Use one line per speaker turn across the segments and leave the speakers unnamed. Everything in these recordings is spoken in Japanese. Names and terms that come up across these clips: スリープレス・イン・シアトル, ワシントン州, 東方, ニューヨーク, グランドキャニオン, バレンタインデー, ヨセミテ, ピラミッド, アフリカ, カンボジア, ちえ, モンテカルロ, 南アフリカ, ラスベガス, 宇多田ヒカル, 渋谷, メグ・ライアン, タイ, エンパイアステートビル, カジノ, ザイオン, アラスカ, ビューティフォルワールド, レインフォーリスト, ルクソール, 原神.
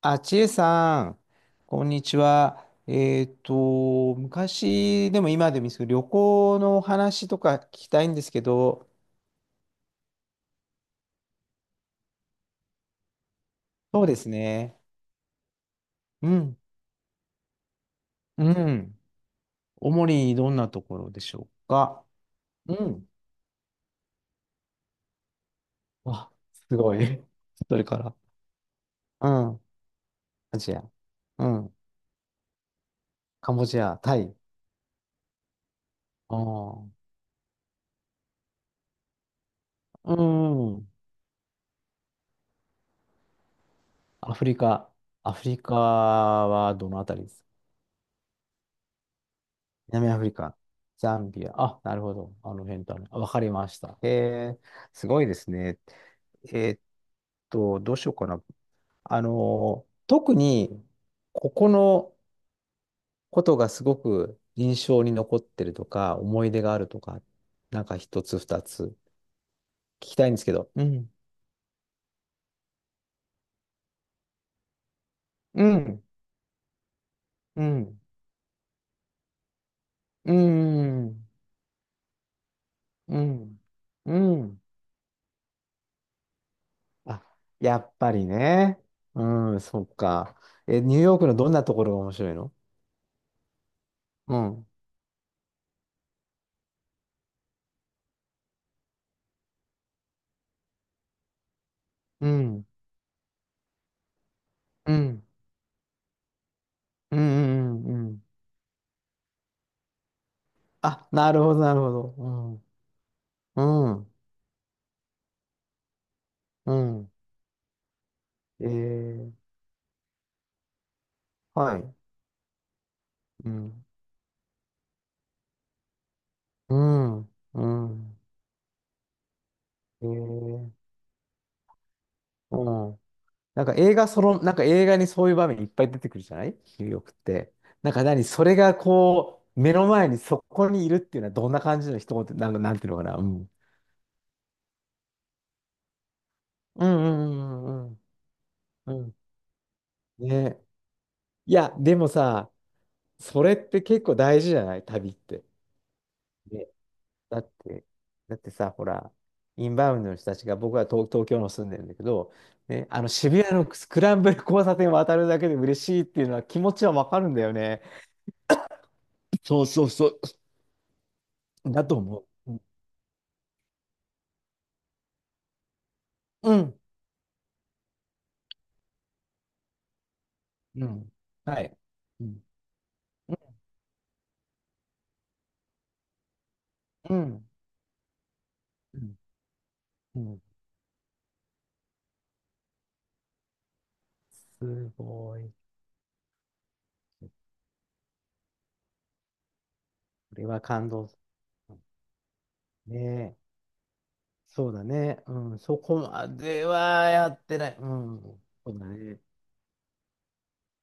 あ、ちえさん、こんにちは。昔でも今でもいいですけど、旅行のお話とか聞きたいんですけど、そうですね。うん、うん。主にどんなところでしょうか。うん。わ、すごい。それから。うん。アジア。うん。カンボジア、タイ。ああ。うん。アフリカ。アフリカはどのあたりです？南アフリカ、ザンビア。あ、なるほど。あの辺だね。あ、わかりました。へえ、すごいですね。えーっどうしようかな。特に、ここのことがすごく印象に残ってるとか、思い出があるとか、なんか一つ二つ聞きたいんですけど。うん。うん。うん。うん。うん。うん。あ、やっぱりね。うん、そっか。え、ニューヨークのどんなところが面白いの？うん。うん。うん。うん。うん。うんうん、あ、なるほど、なるほど。うん。うん。うん、えー、はい。うん。うん。うん。えー、うん。なんか映画、なんか映画にそういう場面いっぱい出てくるじゃない、ニューヨークって。なんか何、それがこう、目の前にそこにいるっていうのはどんな感じの一言、なんか、なんていうのかな。うん。うんうんうんうん、うん。うんね。いや、でもさ、それって結構大事じゃない、旅って。ね、だって、だってさ、ほら、インバウンドの人たちが、僕は東京の住んでるんだけど、ね、あの渋谷のスクランブル交差点を渡るだけで嬉しいっていうのは、気持ちはわかるんだよね。そうそうそう。だと思う。うん。うん。はい。うん。うん。うん。うん、すごい。これは感動する。ねえ。そうだね。うん。そこまではやってない。うん。そうだね。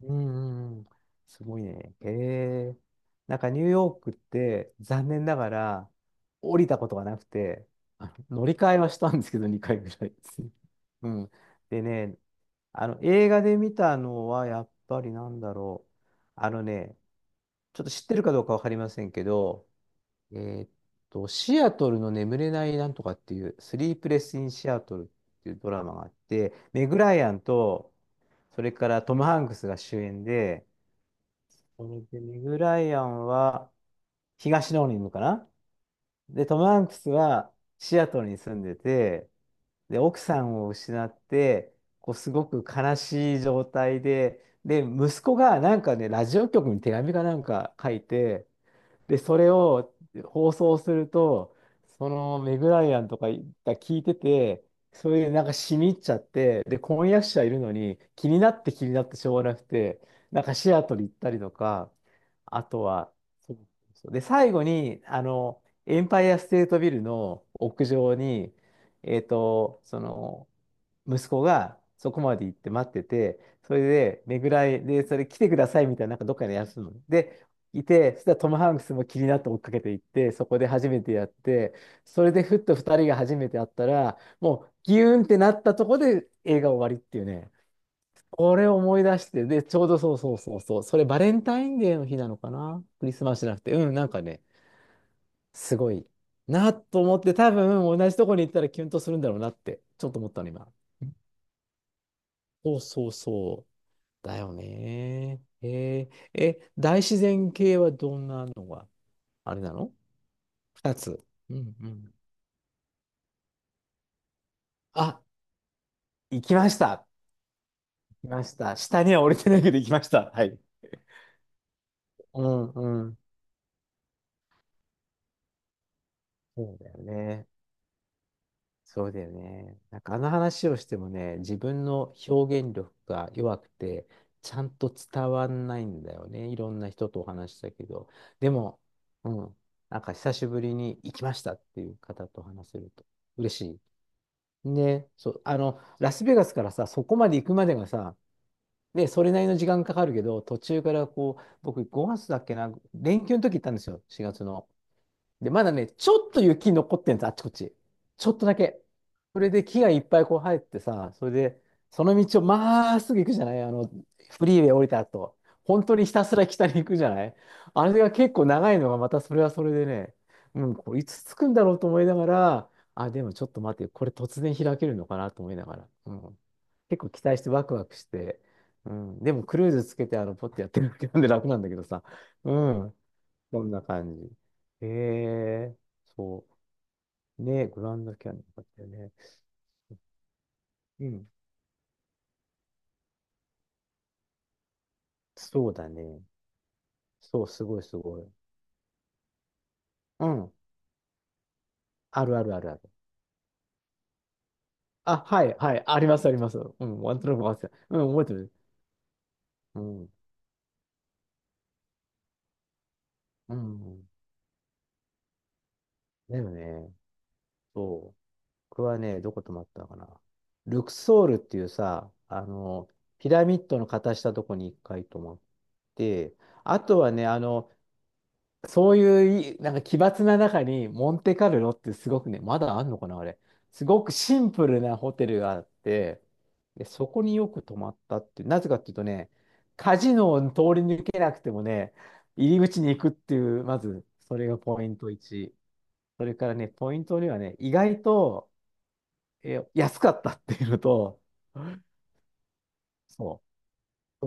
うんうんうん。すごいね。へえ。なんかニューヨークって残念ながら降りたことがなくて、あの乗り換えはしたんですけど、2回ぐらいですね。うん。でね、あの映画で見たのはやっぱりなんだろう。あのね、ちょっと知ってるかどうかわかりませんけど、えーっシアトルの眠れないなんとかっていう、スリープレス・イン・シアトルっていうドラマがあって、メグ・ライアンと、それからトム・ハンクスが主演で、それでメグ・ライアンは東の方に住むかな、で、トム・ハンクスはシアトルに住んでて、で、奥さんを失って、こうすごく悲しい状態で、で、息子がなんかね、ラジオ局に手紙かなんか書いて、で、それを放送すると、そのメグライアンとかが聞いてて、それでなんかしみ入っちゃって、で、婚約者いるのに気になって気になってしょうがなくて、なんかシアトル行ったりとか、あとは、そうそうで、最後に、エンパイアステートビルの屋上に、その、息子がそこまで行って待ってて、それで、ねぐらい、で、それ来てくださいみたいな、なんかどっかでやるの。で、いて、そしたらトム・ハンクスも気になって追っかけていって、そこで初めてやって、それでふっと2人が初めて会ったら、もうギューンってなったとこで映画終わりっていうね、これを思い出して、で、ちょうどそうそうそうそう、それバレンタインデーの日なのかな、クリスマスじゃなくて、うん、なんかね、すごいなと思って、多分同じとこに行ったらキュンとするんだろうなって、ちょっと思ったの、今。そうそうそう。だよね。えー、え、大自然系はどんなのがあれなの？二つ。うんうん。あ、行きました。行きました。下には降りてないけど行きました。はい。うんうん。そうだよね。そうだよね。なんかあの話をしてもね、自分の表現力が弱くて、ちゃんと伝わんないんだよね。いろんな人とお話したけど。でも、うん、なんか久しぶりに行きましたっていう方と話せると嬉しい。ね、そう、ラスベガスからさ、そこまで行くまでがさ、で、それなりの時間かかるけど、途中からこう、僕5月だっけな、連休の時行ったんですよ、4月の。で、まだね、ちょっと雪残ってんです、あっちこっち。ちょっとだけ。それで木がいっぱいこう生えてさ、それで、その道をまっすぐ行くじゃない、あの、フリーウェイ降りた後。本当にひたすら北に行くじゃない、あれが結構長いのがまたそれはそれでね、うん、これいつ着くんだろうと思いながら、あ、でもちょっと待って、これ突然開けるのかなと思いながら。うん、結構期待してワクワクして。うん、でもクルーズつけてあのポッてやってるだけなんで楽なんだけどさ。う、そんな感じ。へえ、そう。ね、グランドキャニオンだったよね。うん。そうだね。そう、すごいすごい。うん。あるあるあるある。あ、はい、はい。あります、あります。うん。ワントラック忘れてた、うん、覚えてる。うん。うん。だよね。そう。僕はね、どこ泊まったのかな。ルクソールっていうさ、ピラミッドの形したとこに一回泊まって、あとはね、そういうい、なんか奇抜な中に、モンテカルロってすごくね、まだあんのかな、あれ。すごくシンプルなホテルがあって、で、そこによく泊まったってなぜかっていうとね、カジノを通り抜けなくてもね、入り口に行くっていう、まず、それがポイント1。それからね、ポイント2はね、意外と、え、安かったっていうのと、そう、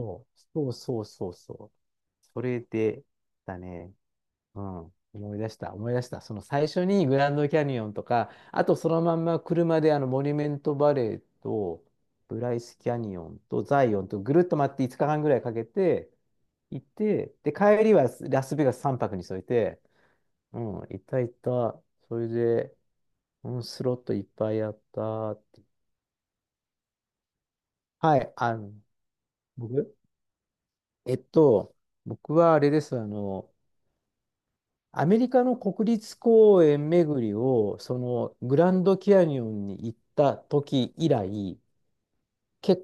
そう、そうそうそうそう。それで、だね。うん、思い出した、思い出した。その最初にグランドキャニオンとか、あとそのまんま車であのモニュメントバレーと、ブライスキャニオンとザイオンとぐるっと回って5日間ぐらいかけて行って、で、帰りはラスベガス3泊に添えて、うん、行った行った。それで、うん、スロットいっぱいやったって。はい、僕えっと、僕はあれです、アメリカの国立公園巡りを、そのグランドキャニオンに行った時以来、け、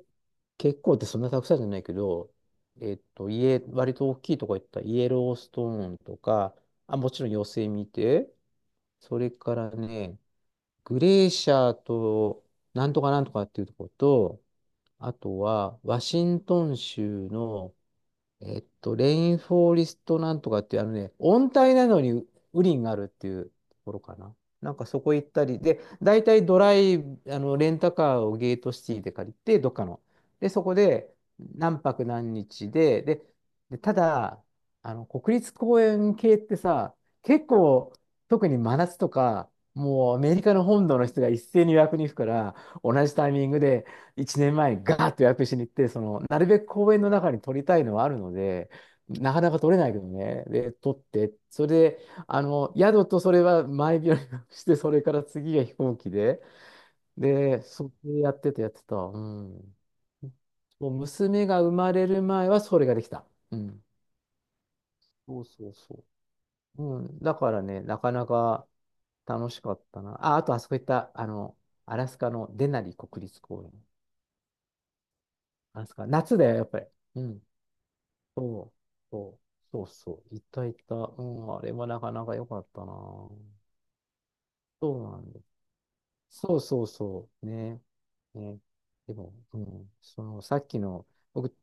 結構ってそんなたくさんじゃないけど、家、割と大きいとこ行った、イエローストーンとか、あ、もちろんヨセミテ、それからね、グレーシャーと、なんとかなんとかっていうとこと、あとは、ワシントン州のレインフォーリストなんとかっていう、あのね、温帯なのに雨林があるっていうところかな。なんかそこ行ったり、で、大体ドライ、レンタカーをゲートシティで借りて、どっかの。で、そこで何泊何日で、で、で、ただ、国立公園系ってさ、結構、特に真夏とか、もうアメリカの本土の人が一斉に予約に行くから、同じタイミングで、1年前にガーッと予約しに行って、その、なるべく公園の中に撮りたいのはあるので、なかなか撮れないけどね。で、撮って、それで、宿とそれは前日の予約して、それから次が飛行機で、で、それでやってた、やってた。うん。もう娘が生まれる前はそれができた。うん。そうそうそう。うん。だからね、なかなか楽しかったな。あ、あとあそこ行った、アラスカのデナリ国立公園。アラスカ、夏だよ、やっぱり。うん。そう、そう、そうそう、いたいた。うん、あれはなかなか良かったな。そうなんです。そうそうそうね。ね。でも、うん、そのさっきの、僕、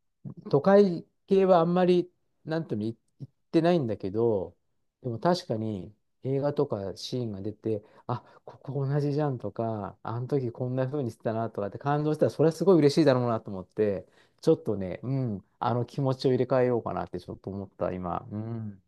都会系はあんまり、なんとも言ってないんだけど、でも確かに映画とかシーンが出て、あ、ここ同じじゃんとか、あの時こんな風にしてたなとかって感動したら、それはすごい嬉しいだろうなと思って、ちょっとね、うん、あの気持ちを入れ替えようかなってちょっと思った、今。うん。